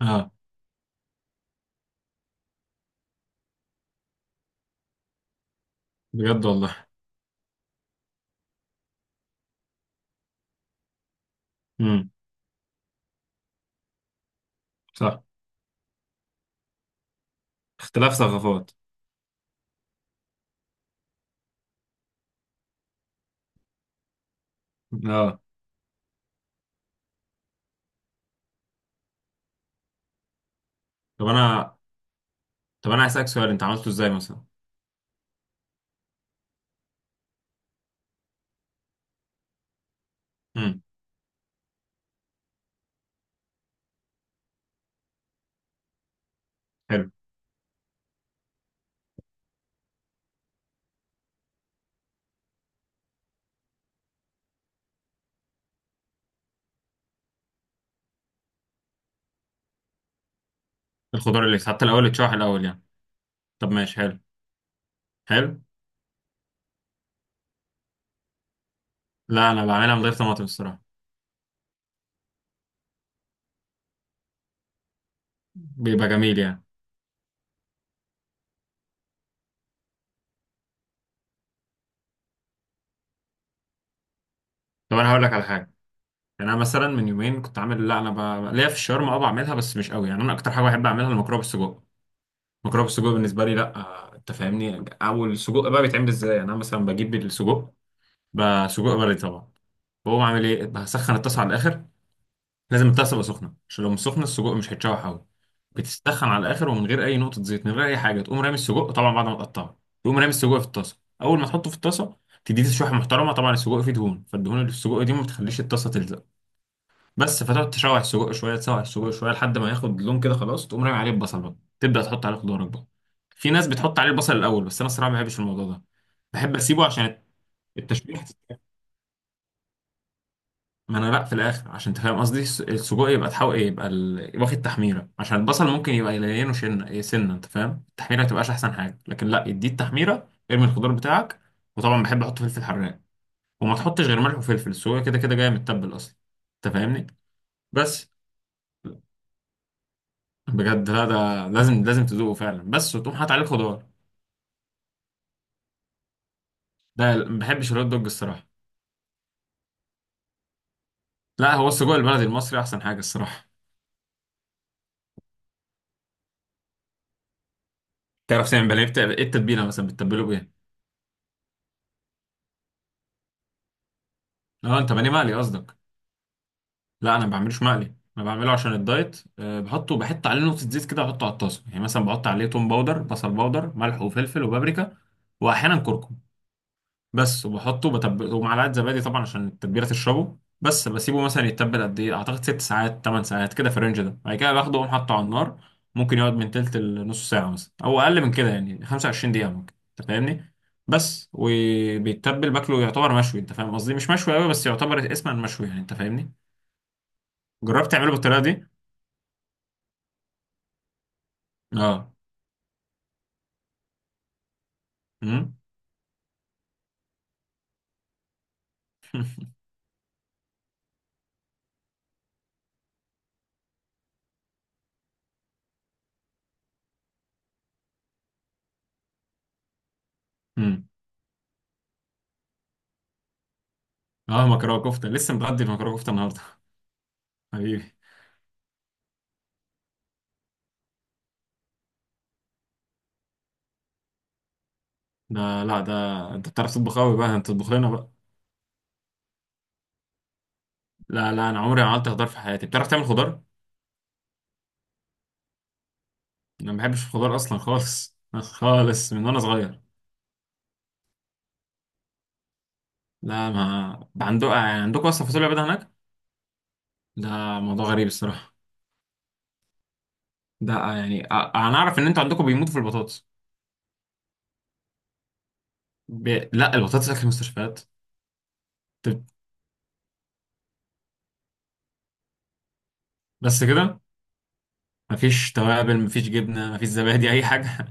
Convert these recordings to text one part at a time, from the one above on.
اه، بجد والله. امم. صح. اختلاف ثقافات. اه. طب انا طب انا هسألك سؤال، انت عملته ازاي مثلا؟ امم. حلو. الخضار اللي حتى الاول اتشرح الاول يعني. طب ماشي، حلو. حلو. لا، انا بعملها من غير طماطم الصراحه. بيبقى جميل يعني. طب انا هقول لك على حاجه. يعني انا مثلا من يومين كنت عامل، لا انا ليا في الشاورما، اه بعملها بس مش قوي يعني. انا اكتر حاجه بحب اعملها المكرونه بالسجق. المكرونه بالسجق بالنسبه لي، لا انت فاهمني. اول السجق بقى بيتعمل ازاي؟ يعني انا مثلا بجيب السجق، بسجق بلدي طبعا. بقوم عامل ايه؟ بسخن الطاسه على الاخر. لازم البتاع تبقى سخنه، عشان لو مش سخنه السجق مش هيتشوح قوي. بتسخن على الاخر، ومن غير اي نقطه زيت، من غير اي حاجه، تقوم رامي السجق طبعا بعد ما تقطعه. تقوم رامي السجق في الطاسه. اول ما تحطه في الطاسه تديه تشويحه محترمه. طبعا السجق فيه دهون، فالدهون اللي في السجق دي ما بتخليش الطاسه تلزق. بس، فتقعد تشوح السجق شويه، تسوح السجق شويه لحد ما ياخد لون كده. خلاص تقوم رامي عليه البصل بقى. تبدا تحط عليه خضارك بقى. في ناس بتحط عليه البصل الاول، بس انا الصراحه ما بحبش الموضوع ده. بحب اسيبه عشان التشويح. ما انا لا في الاخر، عشان انت فاهم قصدي، السجق يبقى تحاول يبقى واخد تحميره، عشان البصل ممكن يبقى يلينه. شنه إيه سنه، انت فاهم؟ التحميره ما تبقاش احسن حاجه، لكن لا، اديه التحميره، ارمي الخضار بتاعك. وطبعا بحب احط فلفل حراق، وما تحطش غير ملح وفلفل، السجق كده كده جاي متبل اصلا، انت فاهمني. بس بجد لا، ده لازم لازم تذوقه فعلا، بس وتقوم حاطط عليه خضار. ما بحبش الهوت دوج الصراحه. لا، هو السجق البلدي المصري احسن حاجه الصراحه. تعرف تعمل بانيه؟ ايه التتبيله مثلا؟ بتتبله بايه؟ اه، انت بانيه مقلي قصدك. لا انا ما بعملوش مقلي، انا بعمله عشان الدايت. أه بحطه، بحط عليه نقطه زيت كده، احطه على الطاسه، يعني مثلا بحط عليه توم باودر، بصل باودر، ملح وفلفل وبابريكا، واحيانا كركم بس. وبحطه ومعلقه زبادي طبعا، عشان التتبيله تشربه. بس بسيبه مثلا يتبل قد ايه؟ اعتقد ست ساعات، ثمان ساعات كده في الرينج ده. بعد كده باخده واقوم حاطه على النار. ممكن يقعد من تلت لنص ساعه مثلا، او اقل من كده، يعني 25 دقيقه ممكن، انت فاهمني. بس وبيتبل، باكله يعتبر مشوي. انت فاهم قصدي، مش مشوي قوي، بس يعتبر اسما مشوي يعني، انت فاهمني. جربت تعمله بالطريقه دي؟ اه. امم. امم. اه، مكرونه كفته، لسه متغدي مكرونه كفته النهارده. حبيبي. ده لا ده انت بتعرف تطبخ قوي بقى، انت تطبخ لنا بقى. لا لا، انا عمري ما عملت خضار في حياتي. بتعرف تعمل خضار؟ انا ما بحبش الخضار اصلا خالص خالص، من وانا صغير. لا، ما ده عندكم اصلا فاصوليا بيضاء هناك؟ ده موضوع غريب الصراحه. انا اعرف ان انتوا عندكم بيموتوا في البطاطس. لا، البطاطس اكل المستشفيات. طب بس كده؟ مفيش توابل، مفيش جبنه، مفيش زبادي، اي حاجه؟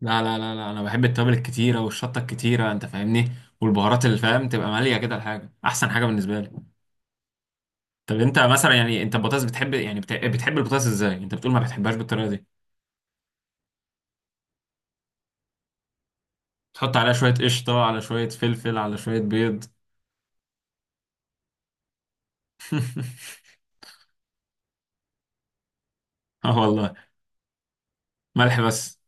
لا لا لا لا، انا بحب التوابل الكتيره والشطه الكتيره، انت فاهمني. والبهارات اللي فاهم، تبقى ماليه كده الحاجه، احسن حاجه بالنسبه لي. طب انت مثلا يعني انت البطاطس بتحب، يعني بتحب البطاطس ازاي؟ انت بتقول ما بتحبهاش بالطريقه دي. تحط عليها شويه قشطه، على شويه فلفل، على شويه بيض. اه والله. ملح بس.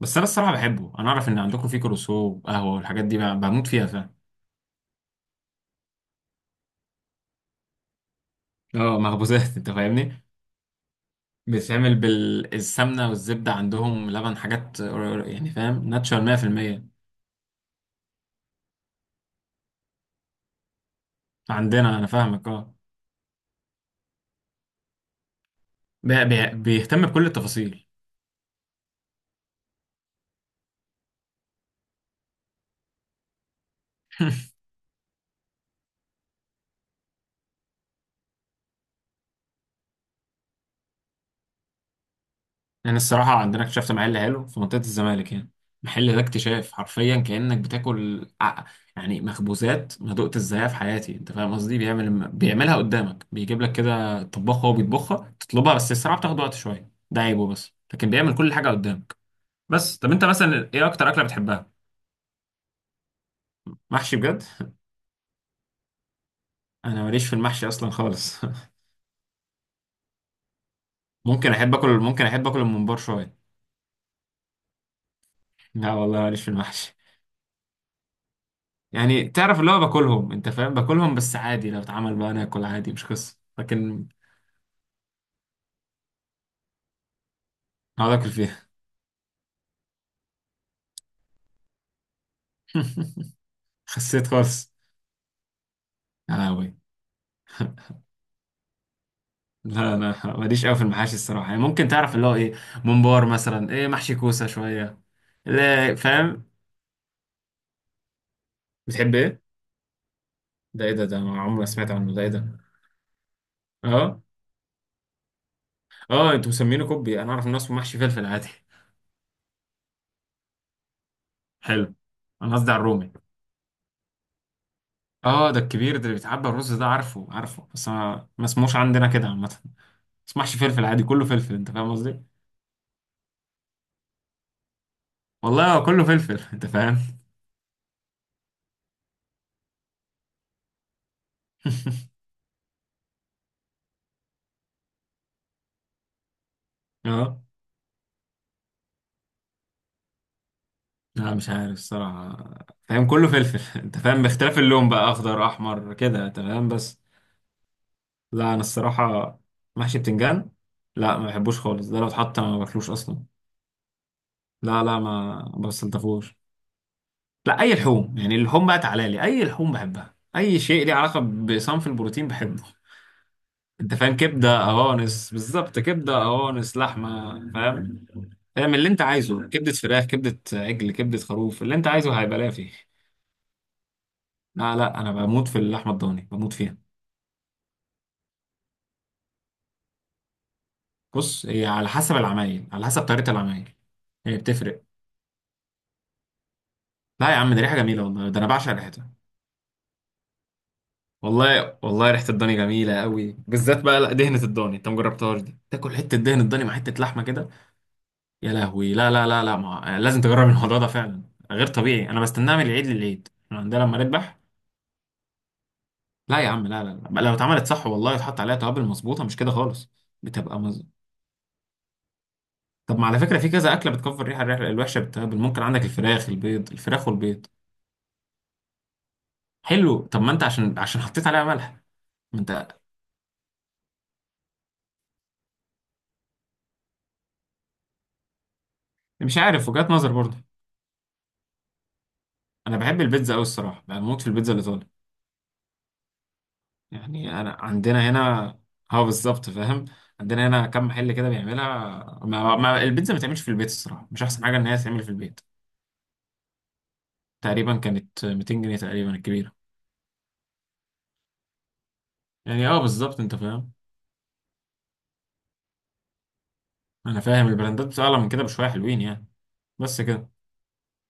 بس انا الصراحه بحبه. انا اعرف ان عندكم في كروسو وقهوه والحاجات دي، بموت فيها، فاهم. اه مخبوزات، انت فاهمني. بتتعمل بالسمنه والزبده، عندهم لبن، حاجات يعني، فاهم، ناتشورال 100%. عندنا، انا فاهمك اه. بيهتم بكل التفاصيل. يعني الصراحه عندنا اكتشفت محل حلو في منطقه الزمالك، يعني المحل ده اكتشاف، حرفيا كانك بتاكل يعني مخبوزات ما دقت ازايها في حياتي، انت فاهم قصدي. بيعملها قدامك، بيجيب لك كده طباخ هو بيطبخها، تطلبها بس الصراحه بتاخد وقت شويه، ده عيبه، بس لكن بيعمل كل حاجه قدامك. بس طب انت مثلا ايه اكتر اكله بتحبها؟ محشي؟ بجد؟ انا ماليش في المحشي اصلا خالص. ممكن احب اكل الممبار شويه. لا والله ماليش في المحشي. يعني تعرف اللي هو باكلهم، انت فاهم، باكلهم بس عادي، لو اتعمل بقى انا اكل عادي مش قصه، لكن اقعد اكل فيها. خسيت خالص. يا لهوي. لا انا ماليش قوي في المحاشي الصراحه. يعني ممكن تعرف اللي هو ايه، ممبار مثلا، ايه محشي كوسه شويه. لا فاهم. بتحب ايه؟ ده ايه ده؟ ده أنا عمري ما سمعت عنه. ده ايه ده؟ اه. اه انتوا مسمينه كوبي، انا اعرف ان هو اسمه محشي فلفل عادي. حلو. انا قصدي على الرومي. اه ده الكبير، ده اللي بيتعبى الرز. ده عارفه عارفه، بس ما اسموش عندنا كده عامه. تسمحش، فلفل عادي كله فلفل، انت فاهم قصدي. والله هو كله فلفل. انت فاهم. اه لا مش عارف الصراحة، فاهم كله فلفل. انت فاهم، باختلاف اللون بقى، اخضر احمر كده، انت فاهم بس. لا انا الصراحة. محشي بتنجان؟ لا ما بحبوش خالص، ده لو اتحط ما باكلوش اصلا. لا لا، ما بستلطفوش. لا اي لحوم يعني، اللحوم بقى تعالى لي، اي لحوم بحبها، اي شيء ليه علاقة بصنف البروتين بحبه. انت فاهم، كبدة قوانص، بالظبط كبدة قوانص لحمة فاهم. اعمل اللي انت عايزه، كبدة فراخ، كبدة عجل، كبدة خروف، اللي انت عايزه هيبقى لا فيه. لا لا، انا بموت في اللحمة الضاني، بموت فيها. بص، هي على حسب العمايل، على حسب طريقة العمايل، هي بتفرق. لا يا عم، دي ريحة جميلة والله، ده انا بعشق ريحتها. والله والله ريحة الضاني جميلة قوي. بالذات بقى لا دهنة الضاني، انت مجربتهاش دي؟ تاكل حتة دهن الضاني مع حتة لحمة كده. يا لهوي. لا لا لا لا لازم تجرب الموضوع ده فعلا. غير طبيعي. انا بستناه من العيد للعيد، احنا عندنا لما نذبح. لا يا عم، لا لا لا، لو اتعملت صح والله، يتحط عليها توابل مظبوطه، مش كده خالص. بتبقى مز... طب ما على فكره في كذا اكله بتكفر الريحه، الريحه الوحشه بالتوابل. ممكن عندك الفراخ، البيض، الفراخ والبيض. حلو. طب ما انت عشان حطيت عليها ملح. ما انت. مش عارف، وجهات نظر برضه. انا بحب البيتزا قوي الصراحه، يعني بموت في البيتزا الايطالي. يعني انا عندنا هنا، اه بالظبط فاهم، عندنا هنا كم محل كده بيعملها. ما البيتزا ما تعملش في البيت الصراحه، مش احسن حاجه ان هي تتعمل في البيت. تقريبا كانت 200 جنيه تقريبا الكبيره، يعني اه بالظبط انت فاهم. انا فاهم البراندات اعلى من كده بشويه، حلوين يعني. بس كده.